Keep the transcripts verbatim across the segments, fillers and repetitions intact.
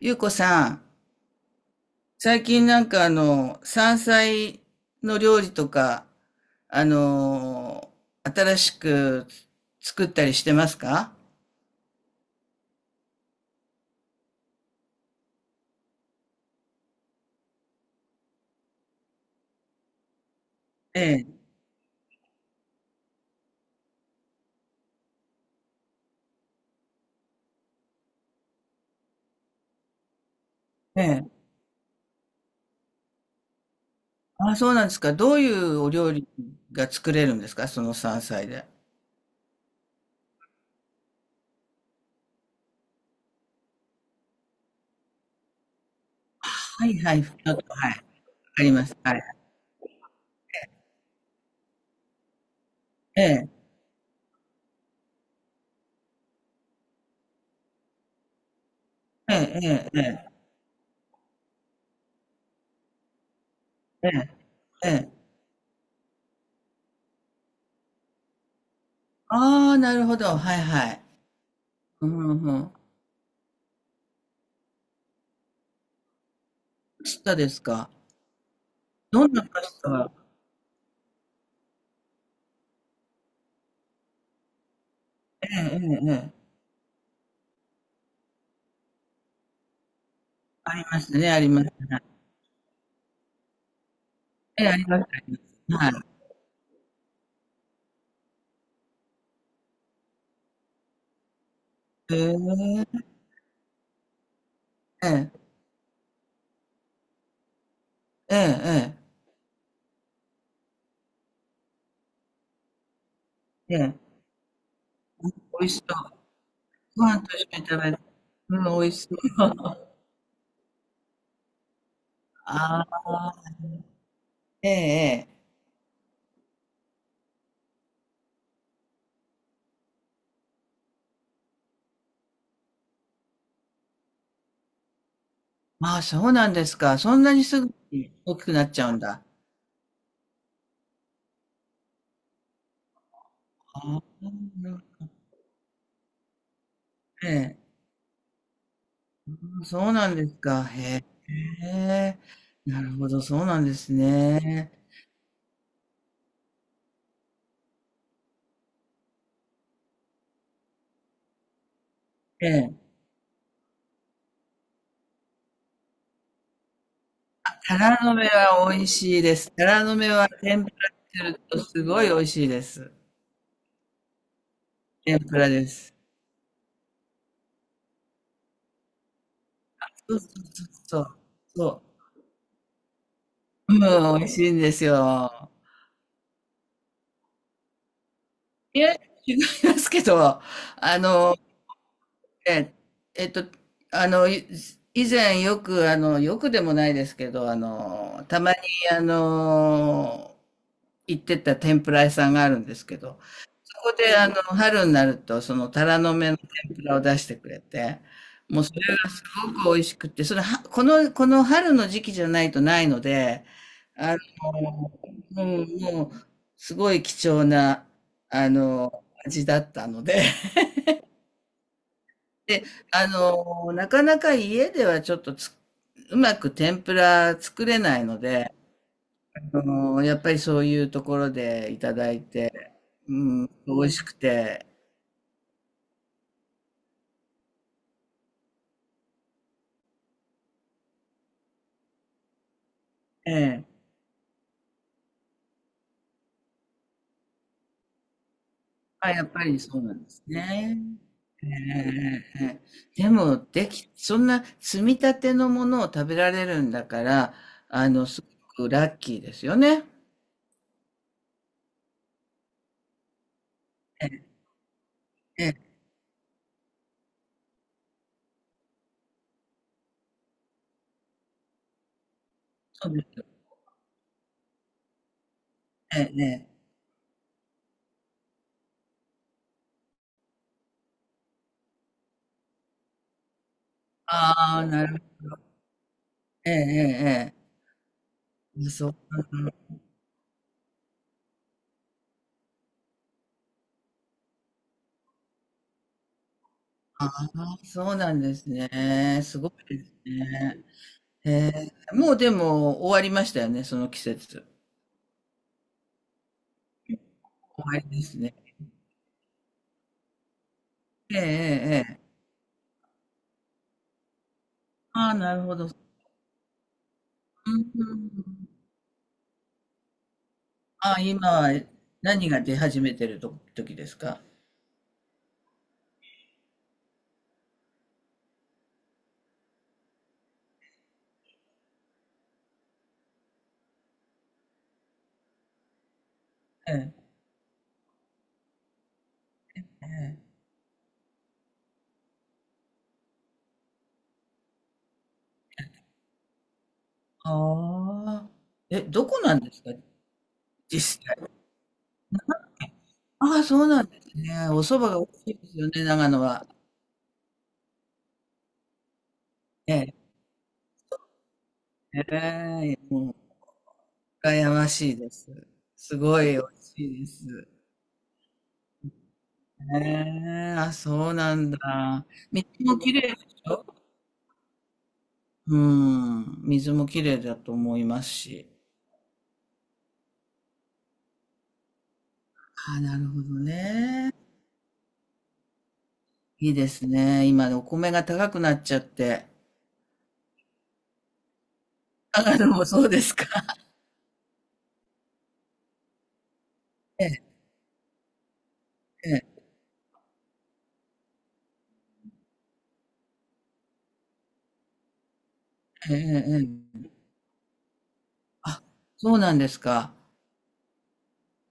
ゆうこさん、最近なんかあの、山菜の料理とか、あの新しく作ったりしてますか？ええ、ええ。あ、そうなんですか。どういうお料理が作れるんですか、その山菜で？はいはい。ちょっと、はい。わかります。はい。ええ、ええ、ええ、ええ、ええ。ああ、なるほど。はいはい。うんうんうん。パスタですか？どんなパスタ？ええ、ええ、ええ。ありますね、あります。ええ、あります。はい。へえ。ええ。ええええ。ええ。美味しそう。ご飯と一緒に食べる？うん、美味しそう。ああ、ええええ。まあ、そうなんですか。そんなにすぐに大きくなっちゃうんだ。ああ、ええ。そうなんですか。へえ。なるほど、そうなんですね。ええ。タラの芽は美味しいです。タラの芽は天ぷらにするとすごい美味しいです。天ぷらです。そうそうそうそう。そう。うん、美味しいんですよ。いえ、違いますけど、あの、え、えっと、あの、い以前よく、あの、よくでもないですけど、あの、たまに、あの、行ってた天ぷら屋さんがあるんですけど、こで、あの、春になると、その、タラの芽の天ぷらを出してくれて、もうそれがすごく美味しくって、それは、この、この春の時期じゃないとないので、あの、うん、もう、すごい貴重な、あの、味だったので、で、あの、なかなか家ではちょっとつ、うまく天ぷら作れないので、あの、やっぱりそういうところでいただいて、うん、美味しくて、ええ、あ、やっぱりそうなんですね。ええええええ。でも、できそんな積み立てのものを食べられるんだから、あの、すごくラッキーですよね。ええ、そうですよ。ええええ。ああ、なるほど。ええええええ。そう、ああ、そうなんですね。すごいですね。ええ、もうでも終わりましたよね、その季節。終わりですね。ええええええ。ああ、なるほど。うんうんうん。あ、今は何が出始めてると時ですか？ええ、ええ。ああ。え、どこなんですか、実際？ああ、そうなんですね。お蕎麦が美味しいですよね、長野は。ええ。ええ、もう、羨ましいです。すごい美味しいです。ええ、あ、そうなんだ。水もきれいでしょ？うん。水もきれいだと思いますし。ああ、なるほどね。いいですね。今、お米が高くなっちゃって。あ、でもそうですか。ええ、ええ、ええええええええ、あ、そうなんですか。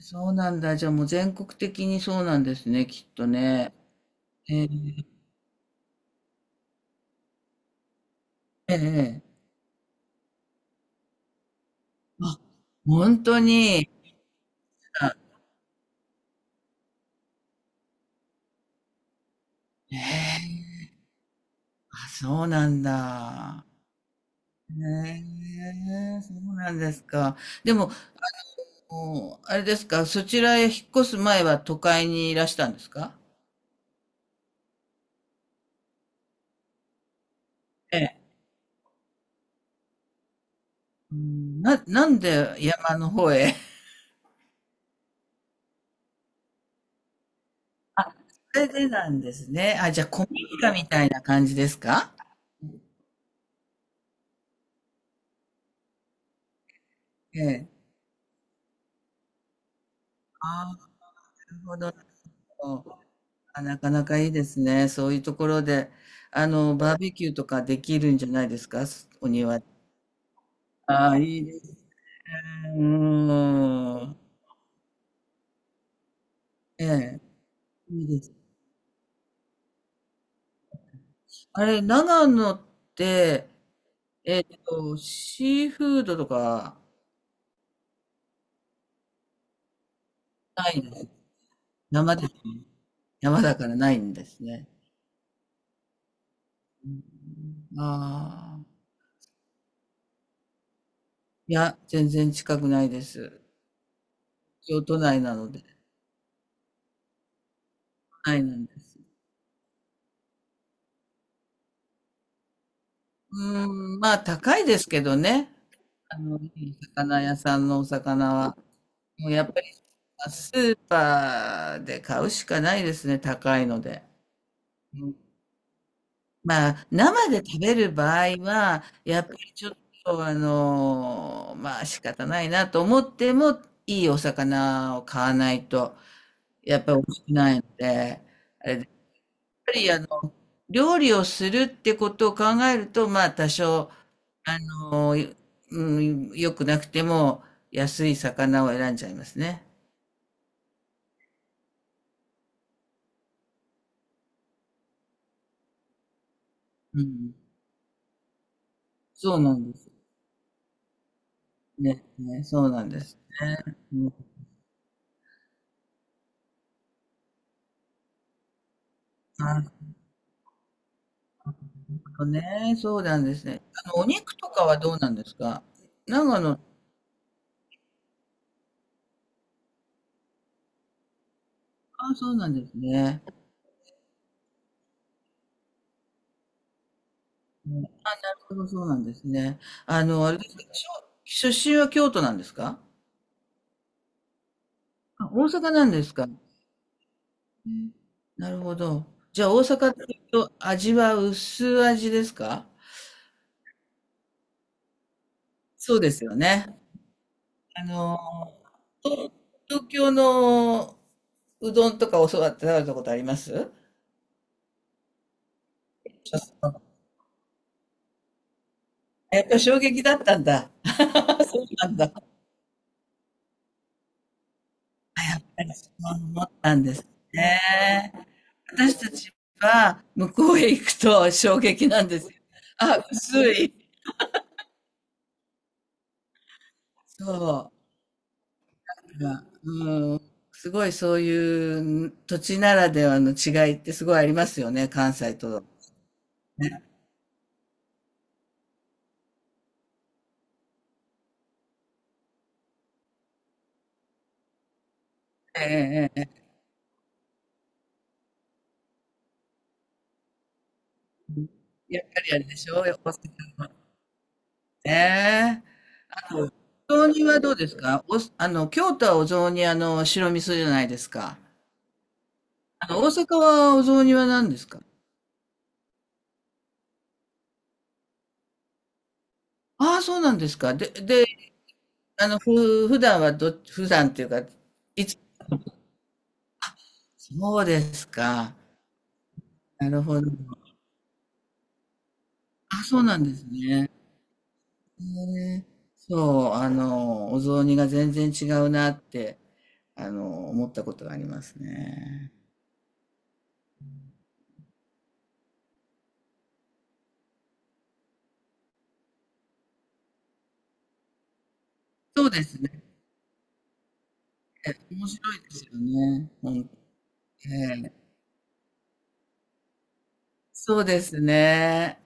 そうなんだ。じゃあもう全国的にそうなんですね、きっとね。ええ、ええええ。あ、本当に。あ、ええ、あ、そうなんだ。へえ、そうなんですか。でも、もう、あれですか、そちらへ引っ越す前は都会にいらしたんですか？ええ。うん、ななんで山の方へ？あ、それでなんですね。あ、じゃあ、古民家みたいな感じですか？ええ。ああ、なるほど、なるほど。あ、なかなかいいですね。そういうところで、あの、バーベキューとかできるんじゃないですか、お庭で？ああ、いいですね。うーん。ええ、いいです。あれ、長野って、えっと、シーフードとか？ないんです。生ですね。山だからないんですね。うん、ああ。いや、全然近くないです。京都内なので、はい、なんです。うーん、まあ高いですけどね、あの、いい魚屋さんのお魚は。もうやっぱり、スーパーで買うしかないですね、高いので。うん、まあ、生で食べる場合は、やっぱりちょっと、あの、まあ仕方ないなと思っても、いいお魚を買わないと、やっぱり美味しくないので、あれぱりあの、料理をするってことを考えると、まあ多少、あの、うん、良くなくても安い魚を選んじゃいますね。うん。そうなんです。ね、ね、そうなんですね。うん、なるほどね。そうなんですね。あの、お肉とかはどうなんですか、長野？あ、そうなんですね。ね、そうそうなんですね。あの、あれですか、しょ出身は京都なんですか？あ、大阪なんですか？うん、なるほど。じゃあ大阪っていうと味は薄味ですか？そうですよね。あの、と東京のうどんとか教わって食べたことあります？ちょっとやっぱり衝撃だったんだ。そうなんだ。そうなんですね。私たちは向こうへ行くと衝撃なんですよ。あ、薄い。そう。すごいそういう土地ならではの違いってすごいありますよね、関西と。ええええ、やっぱりあれでしょ、大阪は。ねえ。お雑煮はどうですか？お、あの、京都はお雑煮、あの、白味噌じゃないですか。あの、大阪はお雑煮は何ですか？ああ、そうなんですか。で、で、あの、ふ、普段はど、普段っていうか、いつ、そうですか。なるほど。あ、そうなんですね。ね、そう、あの、お雑煮が全然違うなって、あの、思ったことがありますね。そうですね。面白いですよね。ほんええ、そうですね。